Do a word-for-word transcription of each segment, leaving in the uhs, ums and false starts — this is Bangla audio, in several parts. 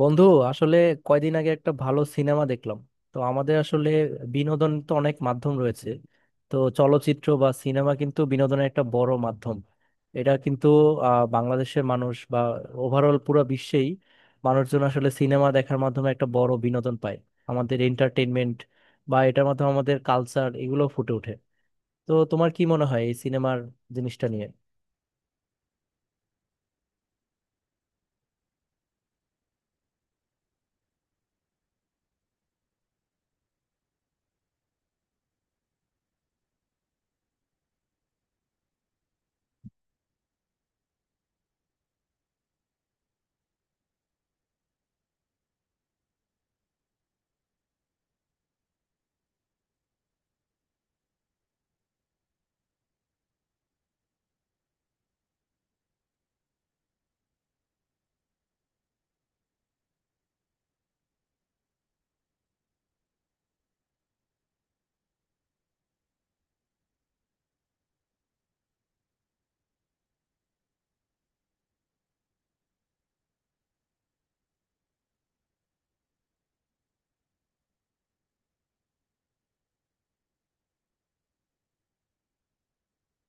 বন্ধু আসলে কয়দিন আগে একটা ভালো সিনেমা দেখলাম। তো আমাদের আসলে বিনোদন তো অনেক মাধ্যম রয়েছে। তো চলচ্চিত্র বা সিনেমা কিন্তু বিনোদনের একটা বড় মাধ্যম। এটা কিন্তু আহ, বাংলাদেশের মানুষ বা ওভারঅল পুরো বিশ্বেই মানুষজন আসলে সিনেমা দেখার মাধ্যমে একটা বড় বিনোদন পায়। আমাদের এন্টারটেনমেন্ট বা এটার মাধ্যমে আমাদের কালচার এগুলো ফুটে ওঠে। তো তোমার কি মনে হয় এই সিনেমার জিনিসটা নিয়ে?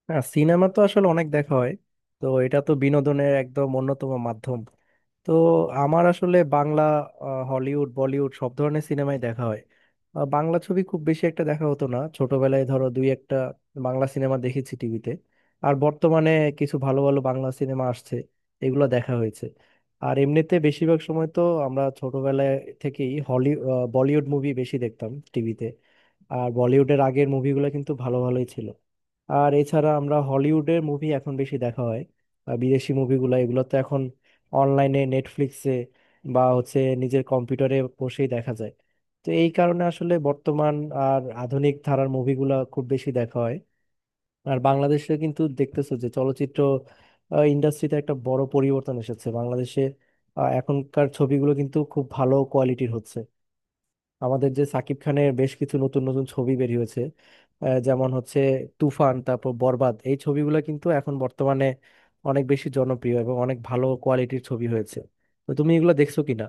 হ্যাঁ, সিনেমা তো আসলে অনেক দেখা হয়। তো এটা তো বিনোদনের একদম অন্যতম মাধ্যম। তো আমার আসলে বাংলা আহ, হলিউড বলিউড সব ধরনের সিনেমাই দেখা হয়। আহ, বাংলা ছবি খুব বেশি একটা দেখা হতো না, ছোটবেলায় ধরো দুই একটা বাংলা সিনেমা দেখেছি টিভিতে। আর বর্তমানে কিছু ভালো ভালো বাংলা সিনেমা আসছে, এগুলো দেখা হয়েছে। আর এমনিতে বেশিরভাগ সময় তো আমরা ছোটবেলায় থেকেই হলি বলিউড মুভি বেশি দেখতাম টিভিতে। আর বলিউডের আগের মুভিগুলো কিন্তু ভালো ভালোই ছিল। আর এছাড়া আমরা হলিউডের মুভি এখন বেশি দেখা হয়। আহ, বিদেশি মুভিগুলো এগুলো তো এখন অনলাইনে নেটফ্লিক্সে বা হচ্ছে নিজের কম্পিউটারে বসেই দেখা যায়। তো এই কারণে আসলে বর্তমান আর আধুনিক ধারার মুভিগুলো খুব বেশি দেখা হয়। আর বাংলাদেশে কিন্তু দেখতেছো যে চলচ্চিত্র ইন্ডাস্ট্রিতে একটা বড় পরিবর্তন এসেছে বাংলাদেশে। আহ, এখনকার ছবিগুলো কিন্তু খুব ভালো কোয়ালিটির হচ্ছে। আমাদের যে সাকিব খানের বেশ কিছু নতুন নতুন ছবি বেরিয়ে হয়েছে, আহ, যেমন হচ্ছে তুফান, তারপর বরবাদ, এই ছবিগুলো কিন্তু এখন বর্তমানে অনেক বেশি জনপ্রিয় এবং অনেক ভালো কোয়ালিটির ছবি হয়েছে। তো তুমি এগুলো দেখছো কিনা?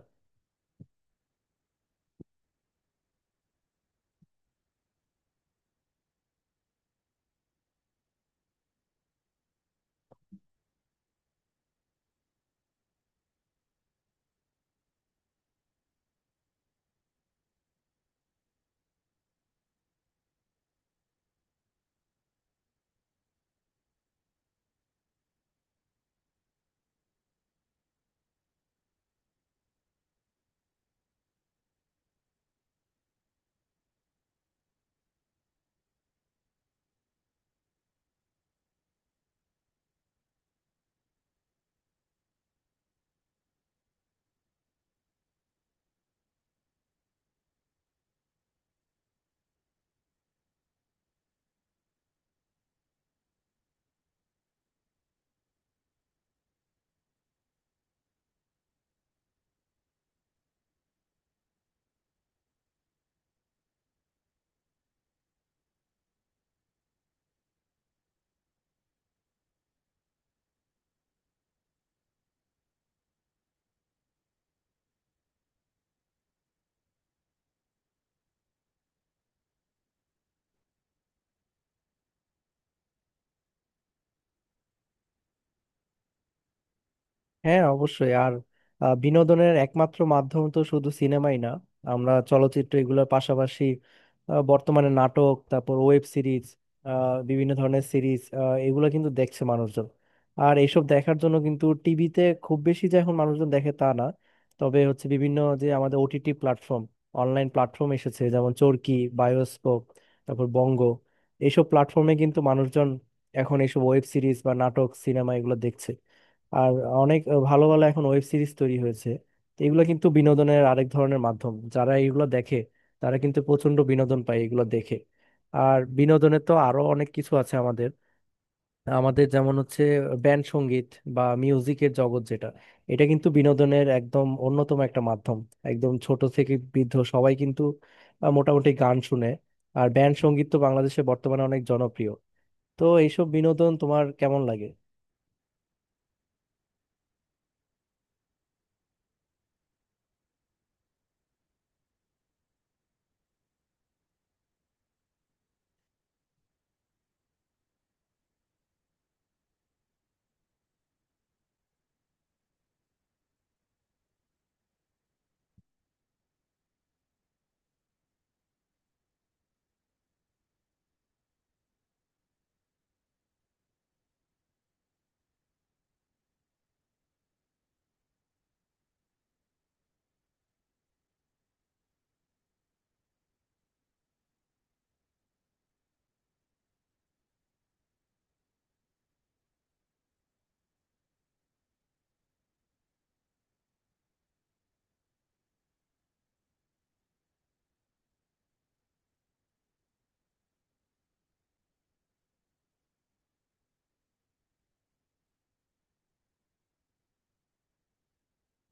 হ্যাঁ অবশ্যই। আর আহ, বিনোদনের একমাত্র মাধ্যম তো শুধু সিনেমাই না, আমরা চলচ্চিত্র এগুলোর পাশাপাশি আহ, বর্তমানে নাটক, তারপর ওয়েব সিরিজ, বিভিন্ন ধরনের সিরিজ এগুলো কিন্তু দেখছে মানুষজন। আর এইসব দেখার জন্য কিন্তু টিভিতে খুব বেশি যে এখন মানুষজন দেখে তা না, তবে হচ্ছে বিভিন্ন যে আমাদের ওটিটি প্ল্যাটফর্ম, অনলাইন প্ল্যাটফর্ম এসেছে, যেমন চরকি, বায়োস্কোপ, তারপর বঙ্গ। এইসব প্ল্যাটফর্মে কিন্তু মানুষজন এখন এইসব ওয়েব সিরিজ বা নাটক সিনেমা এগুলো দেখছে। আর অনেক ভালো ভালো এখন ওয়েব সিরিজ তৈরি হয়েছে। তো এগুলো কিন্তু বিনোদনের আরেক ধরনের মাধ্যম, যারা এগুলো দেখে তারা কিন্তু প্রচন্ড বিনোদন পায় এগুলো দেখে। আর বিনোদনের তো আরো অনেক কিছু আছে আমাদের। আমাদের যেমন হচ্ছে ব্যান্ড সঙ্গীত বা মিউজিকের জগৎ, যেটা এটা কিন্তু বিনোদনের একদম অন্যতম একটা মাধ্যম। একদম ছোট থেকে বৃদ্ধ সবাই কিন্তু আহ, মোটামুটি গান শুনে। আর ব্যান্ড সঙ্গীত তো বাংলাদেশে বর্তমানে অনেক জনপ্রিয়। তো এইসব বিনোদন তোমার কেমন লাগে?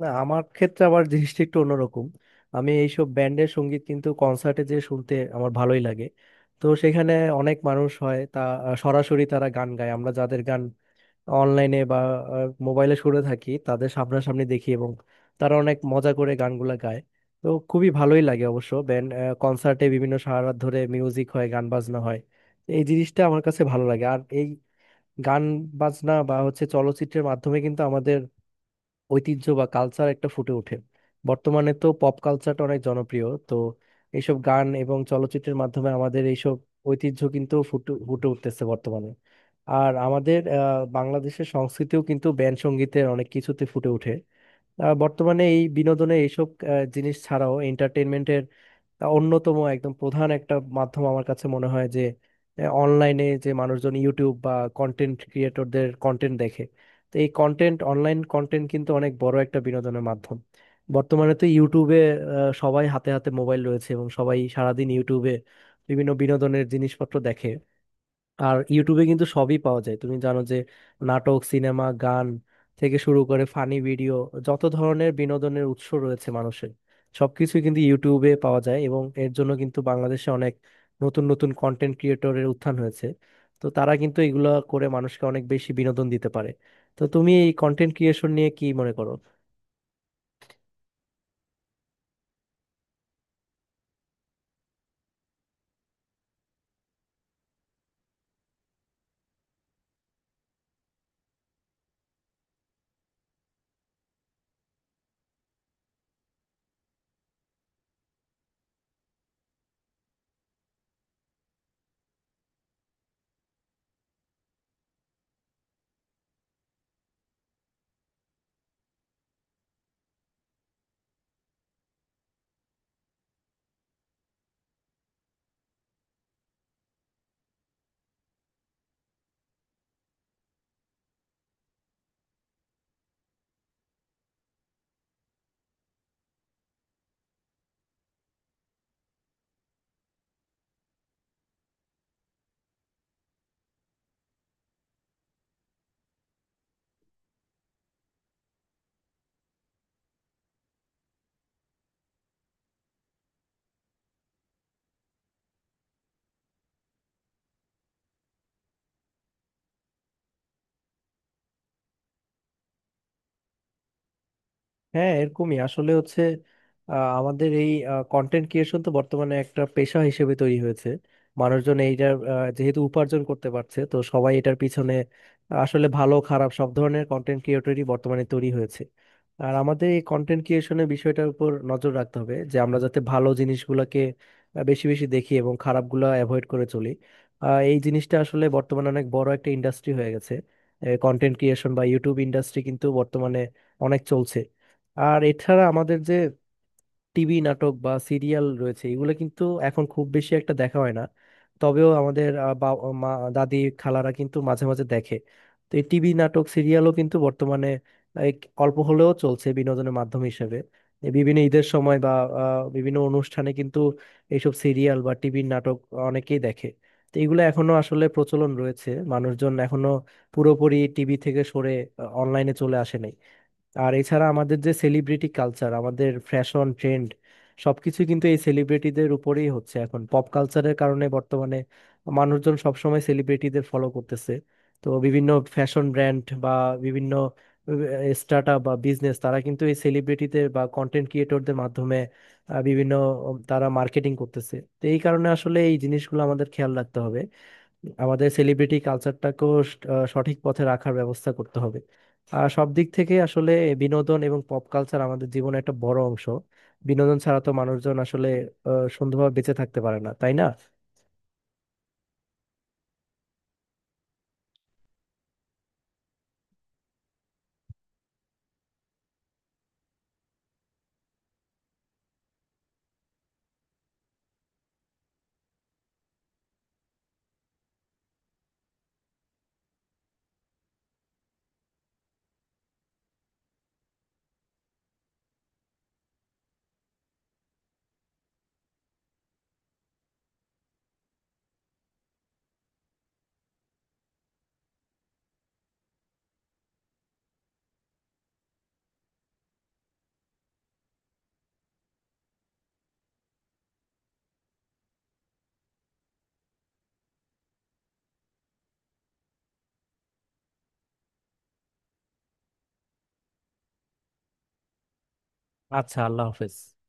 না, আমার ক্ষেত্রে আবার জিনিসটা একটু অন্যরকম। আমি এইসব ব্যান্ডের সঙ্গীত কিন্তু কনসার্টে যে শুনতে আমার ভালোই লাগে। তো সেখানে অনেক মানুষ হয় তা, সরাসরি তারা গান গায়, আমরা যাদের গান অনলাইনে বা মোবাইলে শুনে থাকি তাদের সামনাসামনি দেখি এবং তারা অনেক মজা করে গানগুলা গায়। তো খুবই ভালোই লাগে অবশ্য। ব্যান্ড কনসার্টে বিভিন্ন সারা রাত ধরে মিউজিক হয়, গান বাজনা হয়, এই জিনিসটা আমার কাছে ভালো লাগে। আর এই গান বাজনা বা হচ্ছে চলচ্চিত্রের মাধ্যমে কিন্তু ঐতিহ্য বা কালচার একটা ফুটে ওঠে। বর্তমানে তো পপ কালচারটা অনেক জনপ্রিয়, তো এইসব গান এবং চলচ্চিত্রের মাধ্যমে আমাদের এইসব ঐতিহ্য কিন্তু ফুটে ফুটে উঠতেছে বর্তমানে। আর আমাদের আহ, বাংলাদেশের সংস্কৃতিও কিন্তু ব্যান্ড সঙ্গীতের অনেক কিছুতে ফুটে ওঠে। আহ, বর্তমানে এই বিনোদনে এইসব আহ, জিনিস ছাড়াও এন্টারটেনমেন্টের অন্যতম একদম প্রধান একটা মাধ্যম আমার কাছে মনে হয় যে অনলাইনে যে মানুষজন ইউটিউব বা কন্টেন্ট ক্রিয়েটরদের কন্টেন্ট দেখে। তো এই কন্টেন্ট, অনলাইন কন্টেন্ট কিন্তু অনেক বড় একটা বিনোদনের মাধ্যম। বর্তমানে তো ইউটিউবে আহ, সবাই হাতে হাতে মোবাইল রয়েছে এবং সবাই সারাদিন ইউটিউবে বিভিন্ন বিনোদনের জিনিসপত্র দেখে। আর ইউটিউবে কিন্তু সবই পাওয়া যায়, তুমি জানো যে নাটক সিনেমা গান থেকে শুরু করে ফানি ভিডিও, যত ধরনের বিনোদনের উৎস রয়েছে মানুষের, সবকিছুই কিন্তু ইউটিউবে পাওয়া যায়। এবং এর জন্য কিন্তু বাংলাদেশে অনেক নতুন নতুন কন্টেন্ট ক্রিয়েটরের উত্থান হয়েছে। তো তারা কিন্তু এগুলা করে মানুষকে অনেক বেশি বিনোদন দিতে পারে। তো তুমি এই কন্টেন্ট ক্রিয়েশন নিয়ে কি মনে করো? হ্যাঁ, এরকমই আসলে হচ্ছে। আহ, আমাদের এই কন্টেন্ট ক্রিয়েশন তো বর্তমানে একটা পেশা হিসেবে তৈরি হয়েছে। মানুষজন এইটার আহ, যেহেতু উপার্জন করতে পারছে, তো সবাই এটার পিছনে আসলে ভালো খারাপ সব ধরনের কন্টেন্ট ক্রিয়েটরই বর্তমানে তৈরি হয়েছে। আর আমাদের এই কন্টেন্ট ক্রিয়েশনের বিষয়টার উপর নজর রাখতে হবে, যে আমরা যাতে ভালো জিনিসগুলোকে আহ, বেশি বেশি দেখি এবং খারাপগুলো অ্যাভয়েড করে চলি। আহ, এই জিনিসটা আসলে বর্তমানে অনেক বড় একটা ইন্ডাস্ট্রি হয়ে গেছে। কন্টেন্ট ক্রিয়েশন বা ইউটিউব ইন্ডাস্ট্রি কিন্তু বর্তমানে অনেক চলছে। আর এছাড়া আমাদের যে টিভি নাটক বা সিরিয়াল রয়েছে, এগুলো কিন্তু এখন খুব বেশি একটা দেখা হয় না। তবেও আমাদের আহ, বা- মা দাদি খালারা কিন্তু মাঝে মাঝে দেখে। তো এই টিভি নাটক সিরিয়ালও কিন্তু বর্তমানে এই অল্প হলেও চলছে বিনোদনের মাধ্যম হিসেবে। এই বিভিন্ন ঈদের সময় বা আহ, বিভিন্ন অনুষ্ঠানে কিন্তু এইসব সিরিয়াল বা টিভির নাটক অনেকেই দেখে। তো এগুলো এখনো আসলে প্রচলন রয়েছে, মানুষজন এখনো পুরোপুরি টিভি থেকে সরে অনলাইনে চলে আসে নাই। আর এছাড়া আমাদের যে সেলিব্রিটি কালচার, আমাদের ফ্যাশন ট্রেন্ড সবকিছু কিন্তু এই সেলিব্রিটিদের উপরেই হচ্ছে এখন পপ কালচারের কারণে। বর্তমানে মানুষজন সবসময় সেলিব্রিটিদের ফলো করতেছে। তো বিভিন্ন ফ্যাশন ব্র্যান্ড বা বিভিন্ন স্টার্ট আপ বা বিজনেস, তারা কিন্তু এই সেলিব্রিটিদের বা কন্টেন্ট ক্রিয়েটরদের মাধ্যমে আহ, বিভিন্ন উম, তারা মার্কেটিং করতেছে। তো এই কারণে আসলে এই জিনিসগুলো আমাদের খেয়াল রাখতে হবে, আমাদের সেলিব্রিটি কালচারটাকেও স- আহ সঠিক পথে রাখার ব্যবস্থা করতে হবে। আর সব দিক থেকে আসলে বিনোদন এবং পপ কালচার আমাদের জীবনে একটা বড় অংশ। বিনোদন ছাড়া তো মানুষজন আসলে আহ, সুন্দরভাবে বেঁচে থাকতে পারে না, তাই না? আচ্ছা, আল্লাহ হাফেজ।